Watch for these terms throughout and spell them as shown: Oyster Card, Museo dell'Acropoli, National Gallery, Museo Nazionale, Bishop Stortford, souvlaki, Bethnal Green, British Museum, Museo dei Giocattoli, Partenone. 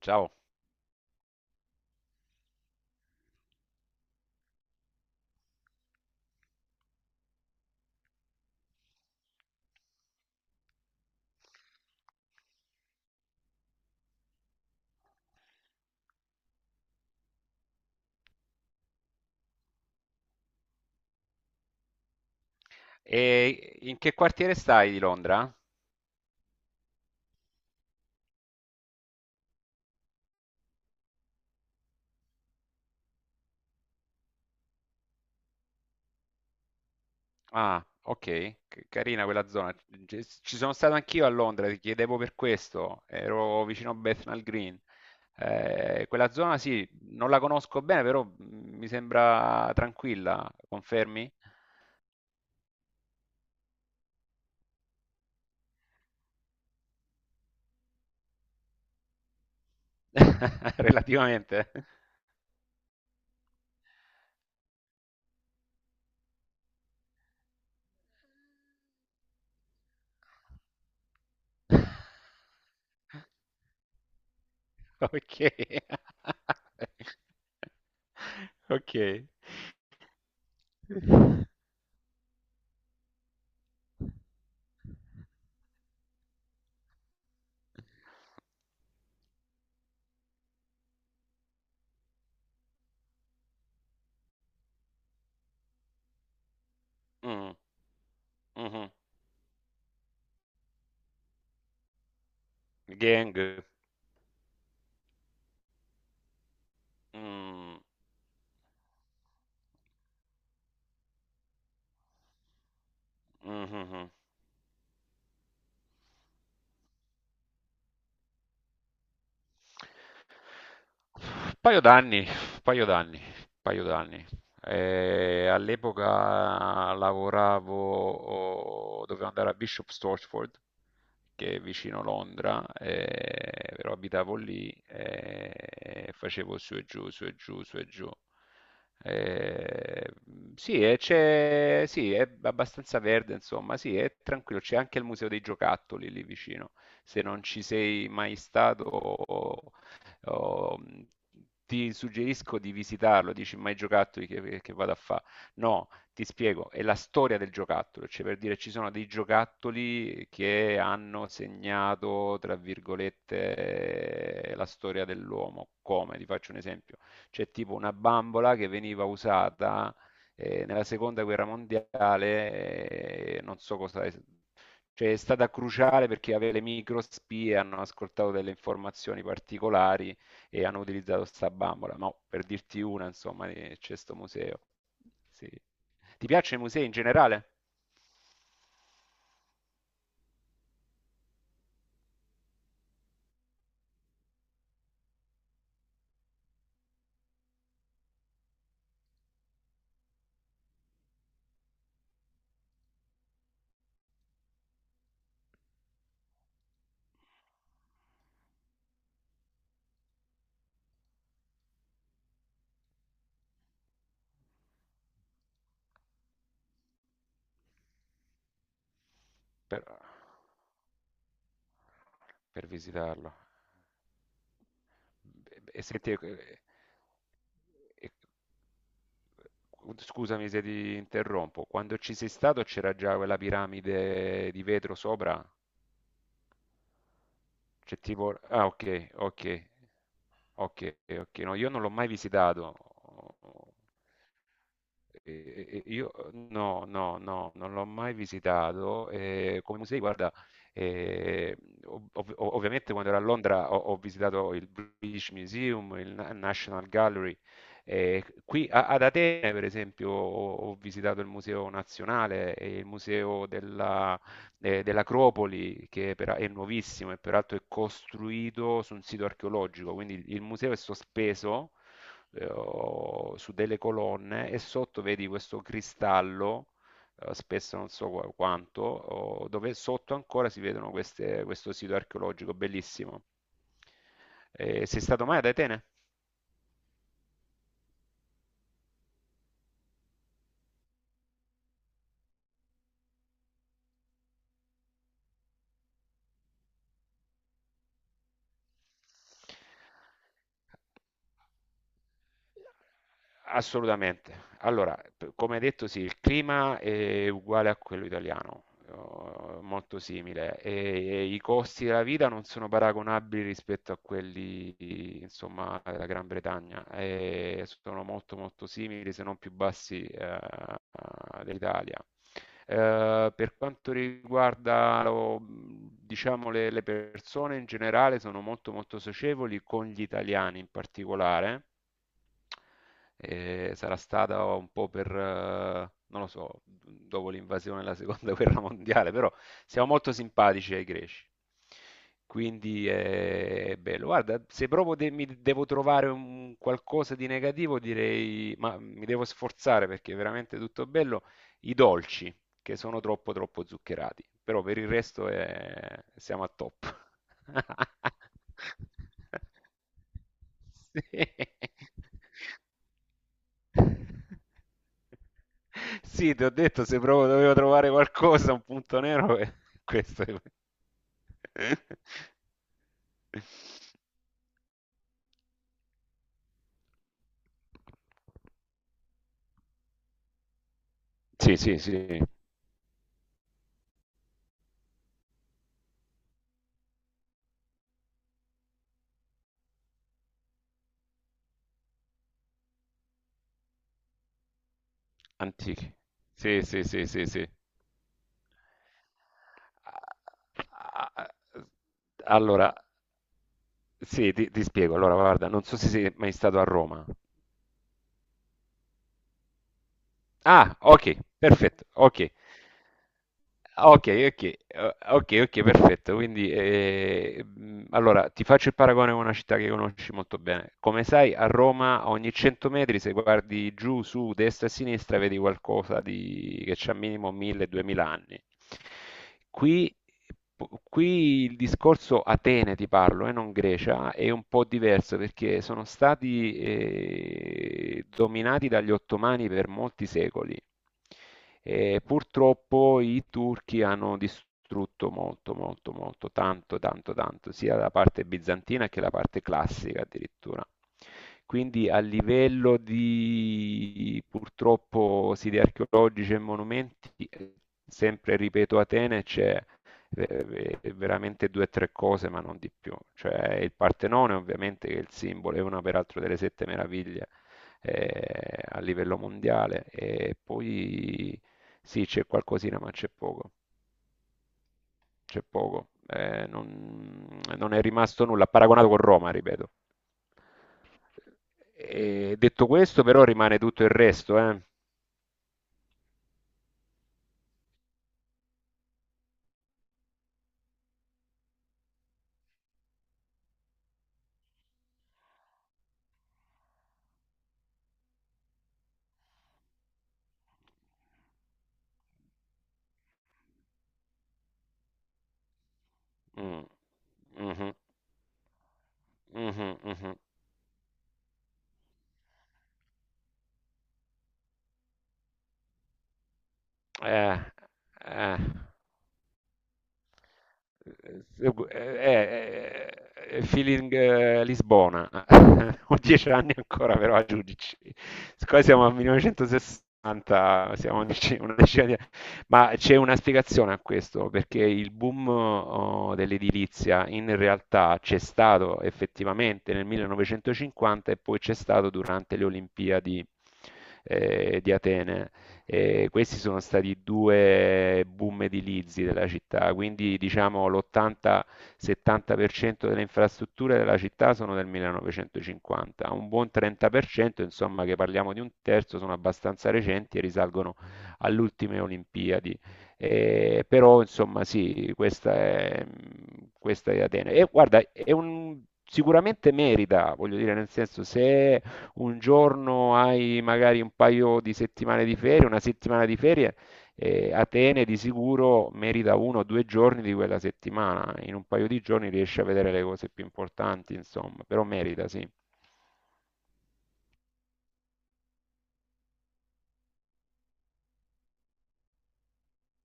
Ciao. E in che quartiere stai di Londra? Ah, ok, carina quella zona. Ci sono stato anch'io a Londra, ti chiedevo per questo. Ero vicino a Bethnal Green. Quella zona sì, non la conosco bene, però mi sembra tranquilla, confermi? Relativamente. Ok. Ok. Mm, mhm. Gang. Mh. Mh-mh-mh. Un paio d'anni, un paio d'anni, un paio d'anni. All'epoca lavoravo, oh, dovevo andare a Bishop Stortford, che è vicino Londra, però abitavo lì e facevo su e giù, su e giù, su e giù. Eh, sì, e c'è, sì, è abbastanza verde, insomma, sì, è tranquillo. C'è anche il Museo dei Giocattoli lì vicino. Se non ci sei mai stato, o ti suggerisco di visitarlo, dici mai giocattoli che vado a fare? No, ti spiego, è la storia del giocattolo, cioè per dire ci sono dei giocattoli che hanno segnato, tra virgolette, la storia dell'uomo. Come? Ti faccio un esempio. C'è tipo una bambola che veniva usata nella seconda guerra mondiale, non so cosa è, cioè è stata cruciale perché aveva le microspie, hanno ascoltato delle informazioni particolari e hanno utilizzato sta bambola, ma per dirti una, insomma, c'è sto museo. Sì. Ti piacciono i musei in generale? Per, per visitarlo. E senti, eh, scusami se ti interrompo, quando ci sei stato c'era già quella piramide di vetro sopra? C'è tipo... Ah, ok, ok, ok, ok. No, io non l'ho mai visitato. Io no, no, no, non l'ho mai visitato. Come musei, guarda, eh, ovviamente quando ero a Londra ho visitato il British Museum, il National Gallery. Qui ad Atene, per esempio, ho visitato il Museo Nazionale e il Museo della, dell'Acropoli, è nuovissimo e peraltro è costruito su un sito archeologico, quindi il museo è sospeso o su delle colonne e sotto vedi questo cristallo, spesso non so quanto, dove sotto ancora si vedono questo sito archeologico bellissimo. Sei stato mai ad Atene? Assolutamente. Allora, come detto, sì, il clima è uguale a quello italiano, molto simile, e i costi della vita non sono paragonabili rispetto a quelli, insomma, della Gran Bretagna, e sono molto molto simili, se non più bassi, dell'Italia. Per quanto riguarda, diciamo, le persone in generale, sono molto molto socievoli con gli italiani in particolare. E sarà stata un po' per, non lo so, dopo l'invasione della seconda guerra mondiale, però siamo molto simpatici ai greci. Quindi è bello. Guarda, se proprio mi devo trovare un qualcosa di negativo, direi, ma mi devo sforzare perché è veramente tutto bello, i dolci che sono troppo troppo zuccherati, però per il resto siamo a top. Sì. Sì, ti ho detto se proprio dovevo trovare qualcosa, un punto nero, questo è... Sì, sì, sì, antichi. Sì, sì, sì, sì, sì. Ah, ah, allora, sì, ti spiego. Allora, guarda, non so se sei mai stato a Roma. Ah, ok, perfetto, ok. Ok, ok, ok, ok, perfetto. Quindi, allora, ti faccio il paragone con una città che conosci molto bene. Come sai, a Roma a ogni 100 metri, se guardi giù, su, destra e sinistra, vedi qualcosa di... che c'ha minimo 1000-2000 anni. Qui, qui il discorso Atene, ti parlo, e non Grecia, è un po' diverso perché sono stati dominati dagli ottomani per molti secoli. E purtroppo i turchi hanno distrutto molto, molto, molto, tanto, tanto, tanto, sia la parte bizantina che la parte classica addirittura. Quindi a livello di purtroppo siti archeologici e monumenti, sempre ripeto Atene c'è veramente due o tre cose, ma non di più. Cioè il Partenone ovviamente che è il simbolo, è una peraltro delle sette meraviglie a livello mondiale e poi sì c'è qualcosina ma c'è poco. Non è rimasto nulla, paragonato con Roma, ripeto. E detto questo, però, rimane tutto il resto, eh. Mm. Mhm. Mhm, mhm. Eh, eh. Eh, eh, eh, feeling Lisbona, ho 10 anni ancora però a giudici, siccome siamo a 1960, siamo a una decina di anni, ma c'è una spiegazione a questo, perché il boom dell'edilizia in realtà c'è stato effettivamente nel 1950 e poi c'è stato durante le Olimpiadi di Atene. E questi sono stati due boom edilizi della città, quindi diciamo l'80-70% delle infrastrutture della città sono del 1950, un buon 30%, insomma che parliamo di un terzo, sono abbastanza recenti e risalgono alle ultime Olimpiadi. Però insomma sì, questa è Atene. E guarda, è un, sicuramente merita, voglio dire, nel senso se un giorno hai magari un paio di settimane di ferie, una settimana di ferie, Atene di sicuro merita uno o due giorni di quella settimana. In un paio di giorni riesci a vedere le cose più importanti, insomma, però merita, sì.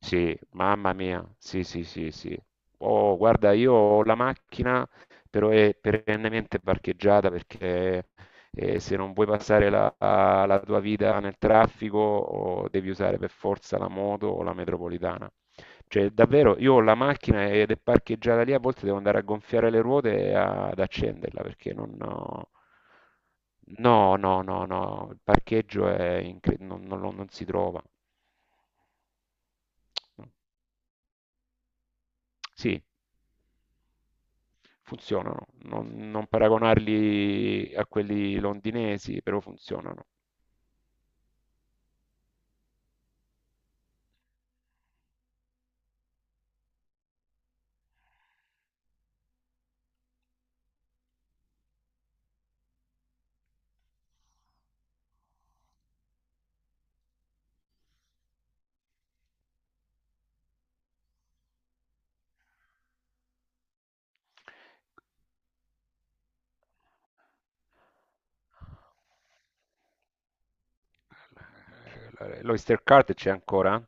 Sì, mamma mia, sì, sì, sì, sì. Oh, guarda, io ho la macchina, però è perennemente parcheggiata perché se non vuoi passare la tua vita nel traffico, devi usare per forza la moto o la metropolitana. Cioè, davvero, io ho la macchina ed è parcheggiata lì, a volte devo andare a gonfiare le ruote e ad accenderla perché non... ho- no, no, no, no, il parcheggio è non si trova. Sì, funzionano, non paragonarli a quelli londinesi, però funzionano. L'Oyster Card c'è ancora?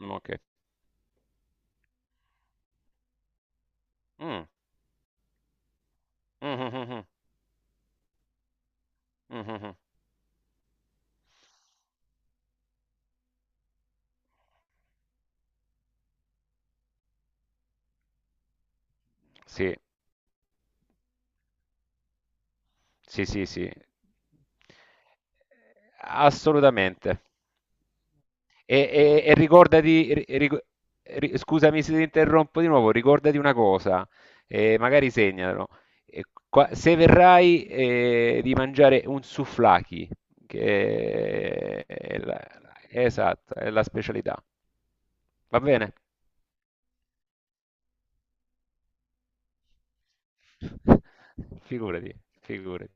Mm, ok. Mm. Mhm, mhm, mhm, mhm. Sì, sì, sì, sì. Assolutamente. E, ricordati, scusami se ti interrompo di nuovo, ricordati una cosa, magari segnalo. Eh, Se verrai, di mangiare un souvlaki, che è la, esatto, è la specialità. Va bene? Figurati, figurati.